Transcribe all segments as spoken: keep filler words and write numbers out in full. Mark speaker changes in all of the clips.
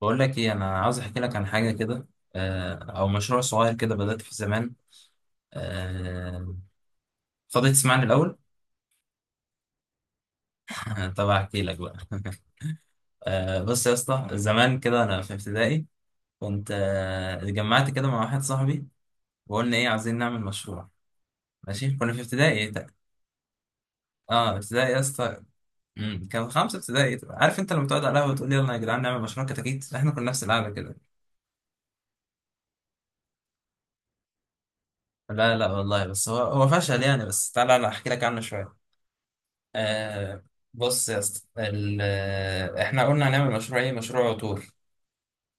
Speaker 1: بقول لك ايه، انا عاوز احكي لك عن حاجه كده. آه، او مشروع صغير كده بدات فيه زمان. آه، فاضي تسمعني الاول؟ طب احكي لك بقى. آه، بص يا اسطى، زمان كده انا في ابتدائي كنت، آه، اتجمعت كده مع واحد صاحبي وقلنا ايه، عايزين نعمل مشروع. ماشي، كنا في ابتدائي. اه ابتدائي يا اسطى. مم، كان خمسه ابتدائي. عارف انت لما تقعد على القهوه وتقول يلا يا جدعان نعمل مشروع كتاكيت؟ احنا كنا نفس القعده كده. لا لا والله، بس هو هو فشل يعني، بس تعالى انا احكي لك عنه شويه. آه. بص يا اسطى، ال- آه، احنا قلنا هنعمل مشروع ايه؟ مشروع عطور.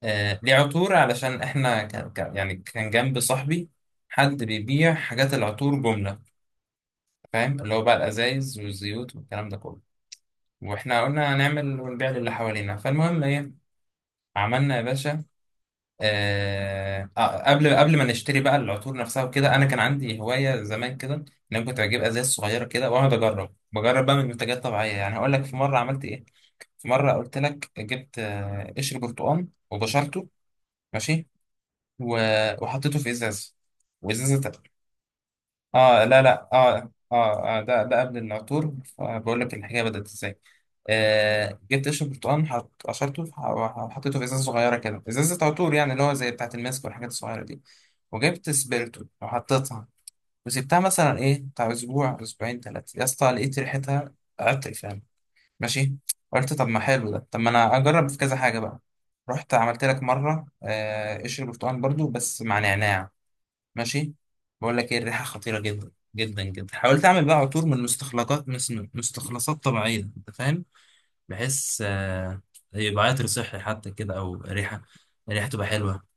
Speaker 1: آه ليه عطور؟ علشان احنا كان كان- يعني كان جنب صاحبي حد بيبيع حاجات العطور جملة، فاهم؟ اللي هو بقى الازايز والزيوت والكلام ده كله. واحنا قلنا هنعمل ونبيع للي حوالينا. فالمهم ايه، عملنا يا باشا. آه آه، قبل قبل ما نشتري بقى العطور نفسها وكده، انا كان عندي هواية زمان كده، ان انا كنت بجيب ازايز صغيرة كده واقعد اجرب، بجرب بقى من منتجات طبيعية. يعني هقول لك في مرة عملت ايه. في مرة قلت لك جبت، آه، قشر برتقال وبشرته، ماشي، و- وحطيته في إزاز، وإزازة تق- اه لا لا اه اه, آه ده ده قبل العطور، فبقول لك الحكاية بدأت ازاي. آه جبت قشر برتقال، حط- قشرته، ح- وحطيته في إزازة صغيرة كده، إزازة عطور يعني، اللي هو زي بتاعة الماسك والحاجات الصغيرة دي. وجبت سبيرتو وحطيتها وسبتها مثلا ايه، بتاع اسبوع اسبوعين ثلاثة، يا اسطى لقيت ريحتها عطر فعلا. ماشي. قلت طب ما حلو ده، طب ما انا اجرب في كذا حاجه بقى. رحت عملت لك مره، آه، قشر برتقال برضو بس مع نعناع. ماشي. بقول لك ايه، الريحه خطيره جدا جدا جدا. حاولت اعمل بقى عطور من مستخلصات مس- مستخلصات طبيعيه، انت فاهم، بحيث آه، يبقى عطر صحي حتى كده، او ريحه، الريحه تبقى حلوه.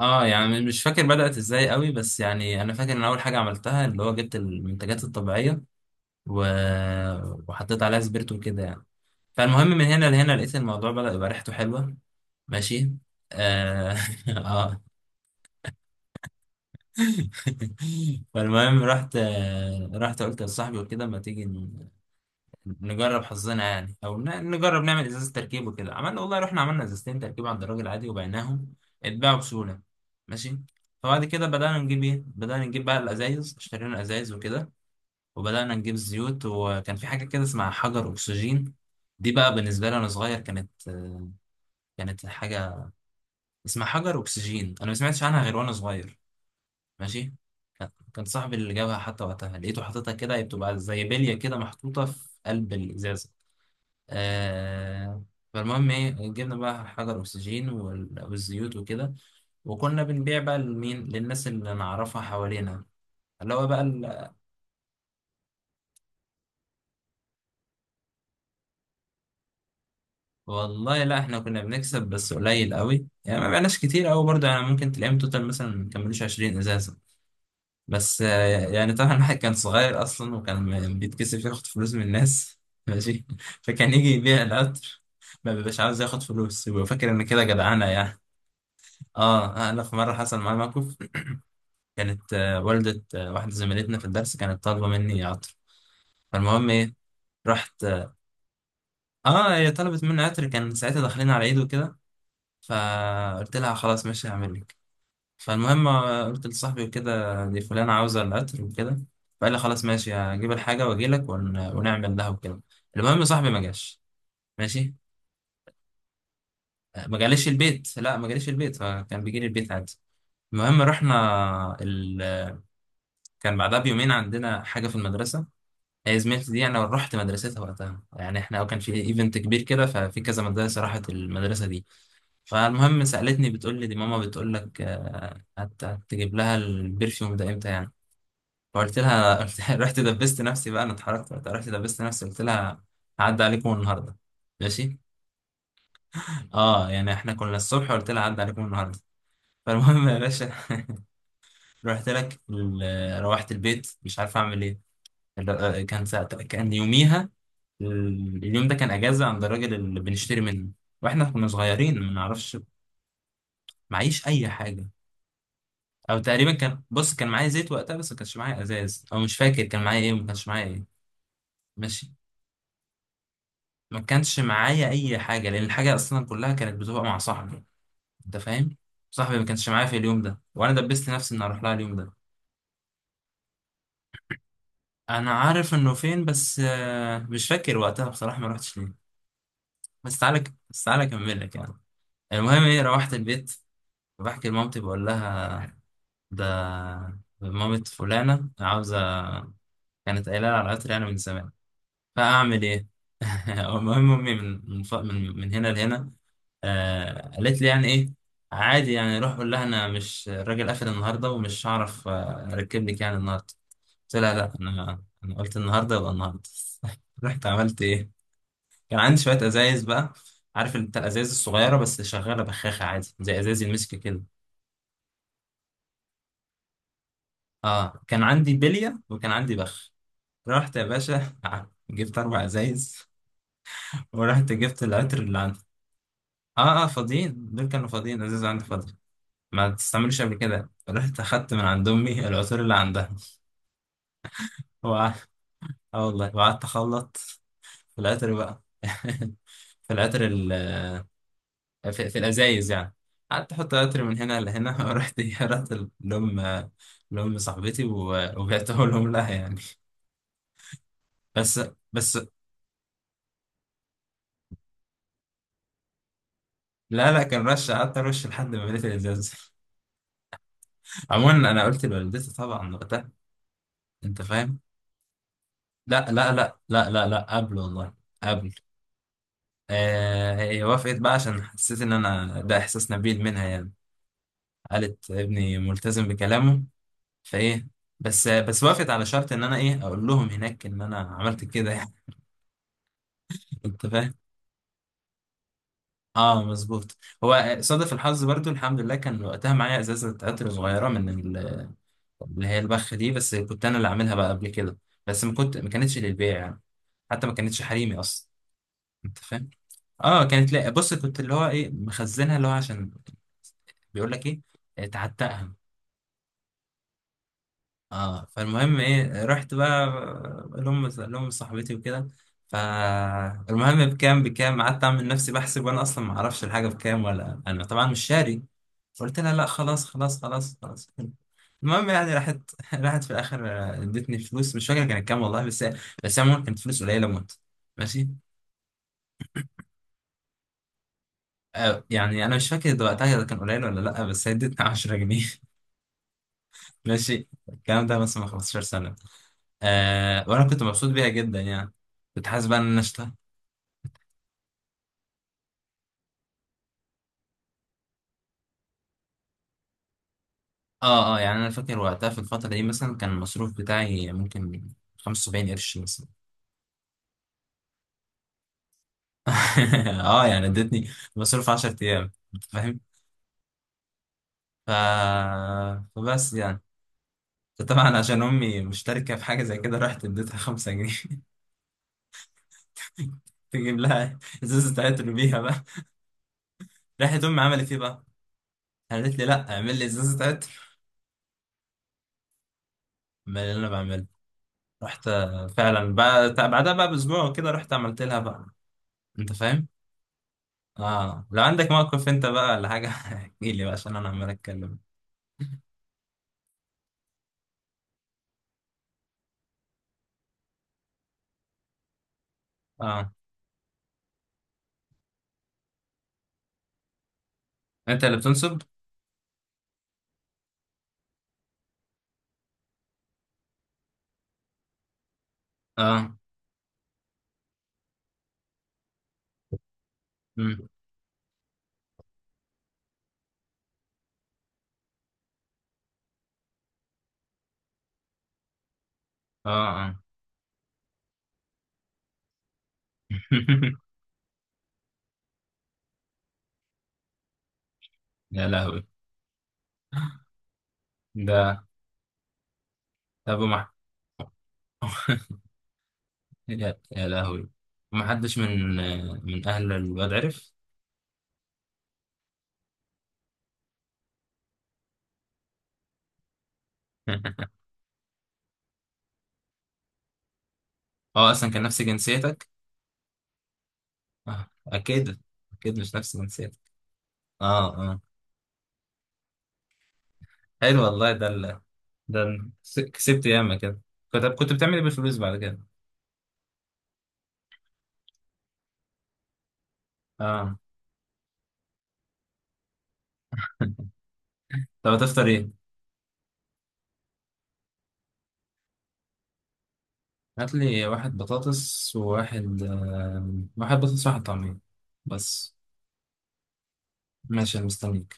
Speaker 1: اه يعني مش فاكر بدأت ازاي قوي، بس يعني انا فاكر ان اول حاجه عملتها اللي هو جبت المنتجات الطبيعيه و... وحطيت عليها سبيرتو كده يعني. فالمهم من هنا لهنا لقيت الموضوع بدأ يبقى ريحته حلوة. ماشي. اه. آه. فالمهم رحت، آه، رحت قلت لصاحبي وكده، ما تيجي ن- نجرب حظنا يعني، او ن- نجرب نعمل ازازة تركيب وكده. عملنا والله، رحنا عملنا ازازتين تركيب عند الراجل عادي وبعناهم، اتباعوا بسهولة. ماشي. فبعد كده بدأنا نجيب ايه، بدأنا نجيب بقى الازايز، اشترينا ازايز وكده، وبدأنا نجيب زيوت. وكان في حاجة كده اسمها حجر أكسجين. دي بقى بالنسبة لي وأنا صغير كانت كانت حاجة. اسمها حجر أكسجين، أنا ما سمعتش عنها غير وأنا صغير. ماشي. كان كان صاحبي اللي جابها حتى، وقتها لقيته حاططها كده. هي بتبقى زي بلية كده محطوطة في قلب الإزازة. آه. فالمهم إيه، جبنا بقى حجر أكسجين وال- والزيوت وكده، وكنا بنبيع بقى لمين، للناس اللي نعرفها حوالينا، اللي هو بقى. والله لا، احنا كنا بنكسب بس قليل قوي يعني، ما بقناش كتير قوي برضه يعني، ممكن تلاقيهم توتال مثلا ما كملوش عشرين ازازه. بس آه، يعني طبعا الواحد كان صغير اصلا، وكان م- بيتكسف ياخد فلوس من الناس. ماشي. فكان يجي يبيع القطر، ما بيبقاش عاوز ياخد فلوس، ويبقى فاكر ان كده جدعانه يعني. اه انا في مره حصل معايا موقف، كانت آه، والده، آه، واحده زميلتنا في الدرس كانت طالبه مني عطر. فالمهم ايه، رحت اه، آه، هي طلبت مني عطر، كان ساعتها داخلين على عيد وكده، فقلت لها خلاص ماشي هعمل لك. فالمهم آه، قلت لصاحبي وكده، دي فلانة عاوزة العطر وكده، فقال لي خلاص ماشي هجيب الحاجة واجيلك ون... ونعمل لها وكده. المهم صاحبي ما جاش. ماشي. آه، ما جاليش البيت، لا ما جاليش البيت، فكان بيجي لي البيت عادي. المهم رحنا ال... كان بعدها بيومين عندنا حاجة في المدرسة. هي زميلتي دي، انا رحت مدرستها وقتها، يعني احنا كان في ايفنت كبير كده، ففي كذا مدرسة راحت المدرسة دي. فالمهم سألتني بتقول لي دي ماما بتقول لك آه، هت- هتجيب لها البرفيوم ده امتى يعني. فقلت لها قلت- رحت دبست نفسي بقى، انا اتحركت وقتها، رحت دبست نفسي قلت لها هعدي عليكم النهارده. ماشي. اه يعني احنا كنا الصبح قلت لها هعدي عليكم النهارده. فالمهم يا باشا، رحت لك ال- روحت البيت مش عارف اعمل ايه. ال- آه، كان ساعتها كان يوميها، ال- اليوم ده كان اجازه عند الراجل اللي بنشتري منه، واحنا كنا صغيرين ما نعرفش. معيش اي حاجه، او تقريبا كان، بص كان معايا زيت وقتها بس ما كانش معايا ازاز، او مش فاكر كان معايا ايه ما كانش معايا ايه. ماشي. ما كانش معايا اي حاجه، لان الحاجه اصلا كلها كانت بتبقى مع صاحبي، انت فاهم. صاحبي ما كانش معايا في اليوم ده، وانا دبست نفسي اني اروح لها اليوم ده. انا عارف انه فين، بس آه، مش فاكر وقتها بصراحه ما رحتش ليه. بس تعالى بس تعالى اكمل لك يعني. المهم ايه، روحت البيت بحكي لمامتي بقول لها ده مامة فلانة عاوزة، كانت قايلة لي على العطر يعني من زمان، فأعمل إيه؟ المهم أمي من من ف- من من هنا لهنا، آه قالت لي يعني ايه، عادي يعني، روح قول لها انا مش، الراجل قافل النهارده ومش هعرف، آه، اركب لك يعني النهارده. قلت لها لا، انا انا قلت النهارده يبقى النهارده. رحت عملت ايه، كان عندي شويه ازايز بقى، عارف انت الازايز الصغيره، بس شغاله بخاخه عادي زي ازايز المسك كده. اه كان عندي بليه وكان عندي بخ. رحت يا باشا جبت اربع ازايز ورحت جبت العطر اللي عندي. اه اه فاضيين، دول كانوا فاضيين ازايز عندي فاضي، ما تستعملوش قبل كده. رحت أخدت من عند أمي العطور اللي عندها وقع- اه والله، وقعدت أخلط في العطر بقى، في العطر ال... في, في الأزايز يعني، قعدت أحط عطر من هنا لهنا. رحت رحت لأم لأم صاحبتي و- وبعته لهم لها يعني. بس بس لا لا، كان رش، قعدت أرش لحد ما مليت الإزاز. عموما أنا قلت لوالدتي طبعا وقتها، أنت فاهم. لا لا لا لا لا لا قبل والله، قبل. آه، هي وافقت بقى عشان حسيت ان انا، ده احساس نبيل منها يعني، قالت ابني ملتزم بكلامه، فايه. بس بس وافقت على شرط ان انا ايه، اقول لهم هناك ان انا عملت كده يعني. انت فاهم. اه مظبوط. هو صادف الحظ برضو، الحمد لله كان وقتها معايا ازازه عطر صغيره من ال- اللي هي البخ دي، بس كنت انا اللي عاملها بقى قبل كده، بس ما كنت ما كانتش للبيع يعني، حتى ما كانتش حريمي اصلا، انت فاهم. اه كانت، لا بص كنت اللي هو ايه، مخزنها اللي هو عشان بيقول لك ايه، تعتقها. اه فالمهم ايه، رحت بقى لهم لهم صاحبتي وكده. فالمهم بكام بكام قعدت اعمل نفسي بحسب، وانا اصلا ما اعرفش الحاجه بكام، ولا انا طبعا مش شاري. قلت لها لا خلاص خلاص خلاص خلاص. المهم يعني راحت راحت في الاخر ادتني فلوس، مش فاكر كانت كام والله، بس بس عموما كانت فلوس قليله موت. ماشي. آه يعني انا مش فاكر وقتها كان قليل ولا لا، بس هي ادتني عشر جنيه. ماشي. الكلام ده مثلا من خمسطعش سنة. آه وأنا كنت مبسوط بيها جدا يعني، كنت حاسس بقى إن أنا اشتغلت. آه آه يعني أنا فاكر وقتها في الفترة دي مثلا كان المصروف بتاعي ممكن خمسة وسبعين قرش مثلا. آه يعني ادتني مصروف عشر أيام، أنت فاهم. ف... فبس يعني، طبعا عشان أمي مشتركة في حاجة زي كده، رحت اديتها خمسة جنيه. تجيب لها ازازة عطر بيها بقى. راحت أمي عملت إيه بقى؟ قالت لي لأ، اعمل لي ازازة عطر. أمال اللي أنا بعمله. رحت فعلا بعد بعدها بقى باسبوع كده رحت عملت لها بقى، انت فاهم. اه لو عندك موقف انت بقى ولا حاجه احكي لي بقى عشان انا عمال اتكلم. اه انت اللي بتنصب. اه امم اه اه يا لهوي. ده طب وما يا يا لهوي، ما حدش من من اهل الواد عرف؟ اه اصلا كان نفس جنسيتك. آه. اكيد، اكيد مش نفس جنسيتك. اه اه. حلو والله ده. ده أنا كس- كسبت ياما كده. كنت كنت بتعمل ايه بالفلوس بعد كده؟ اه. طب هتفطر ايه؟ هات لي واحد بطاطس وواحد آه... واحد بطاطس وواحد طعمية، بس. ماشي انا مستنيك.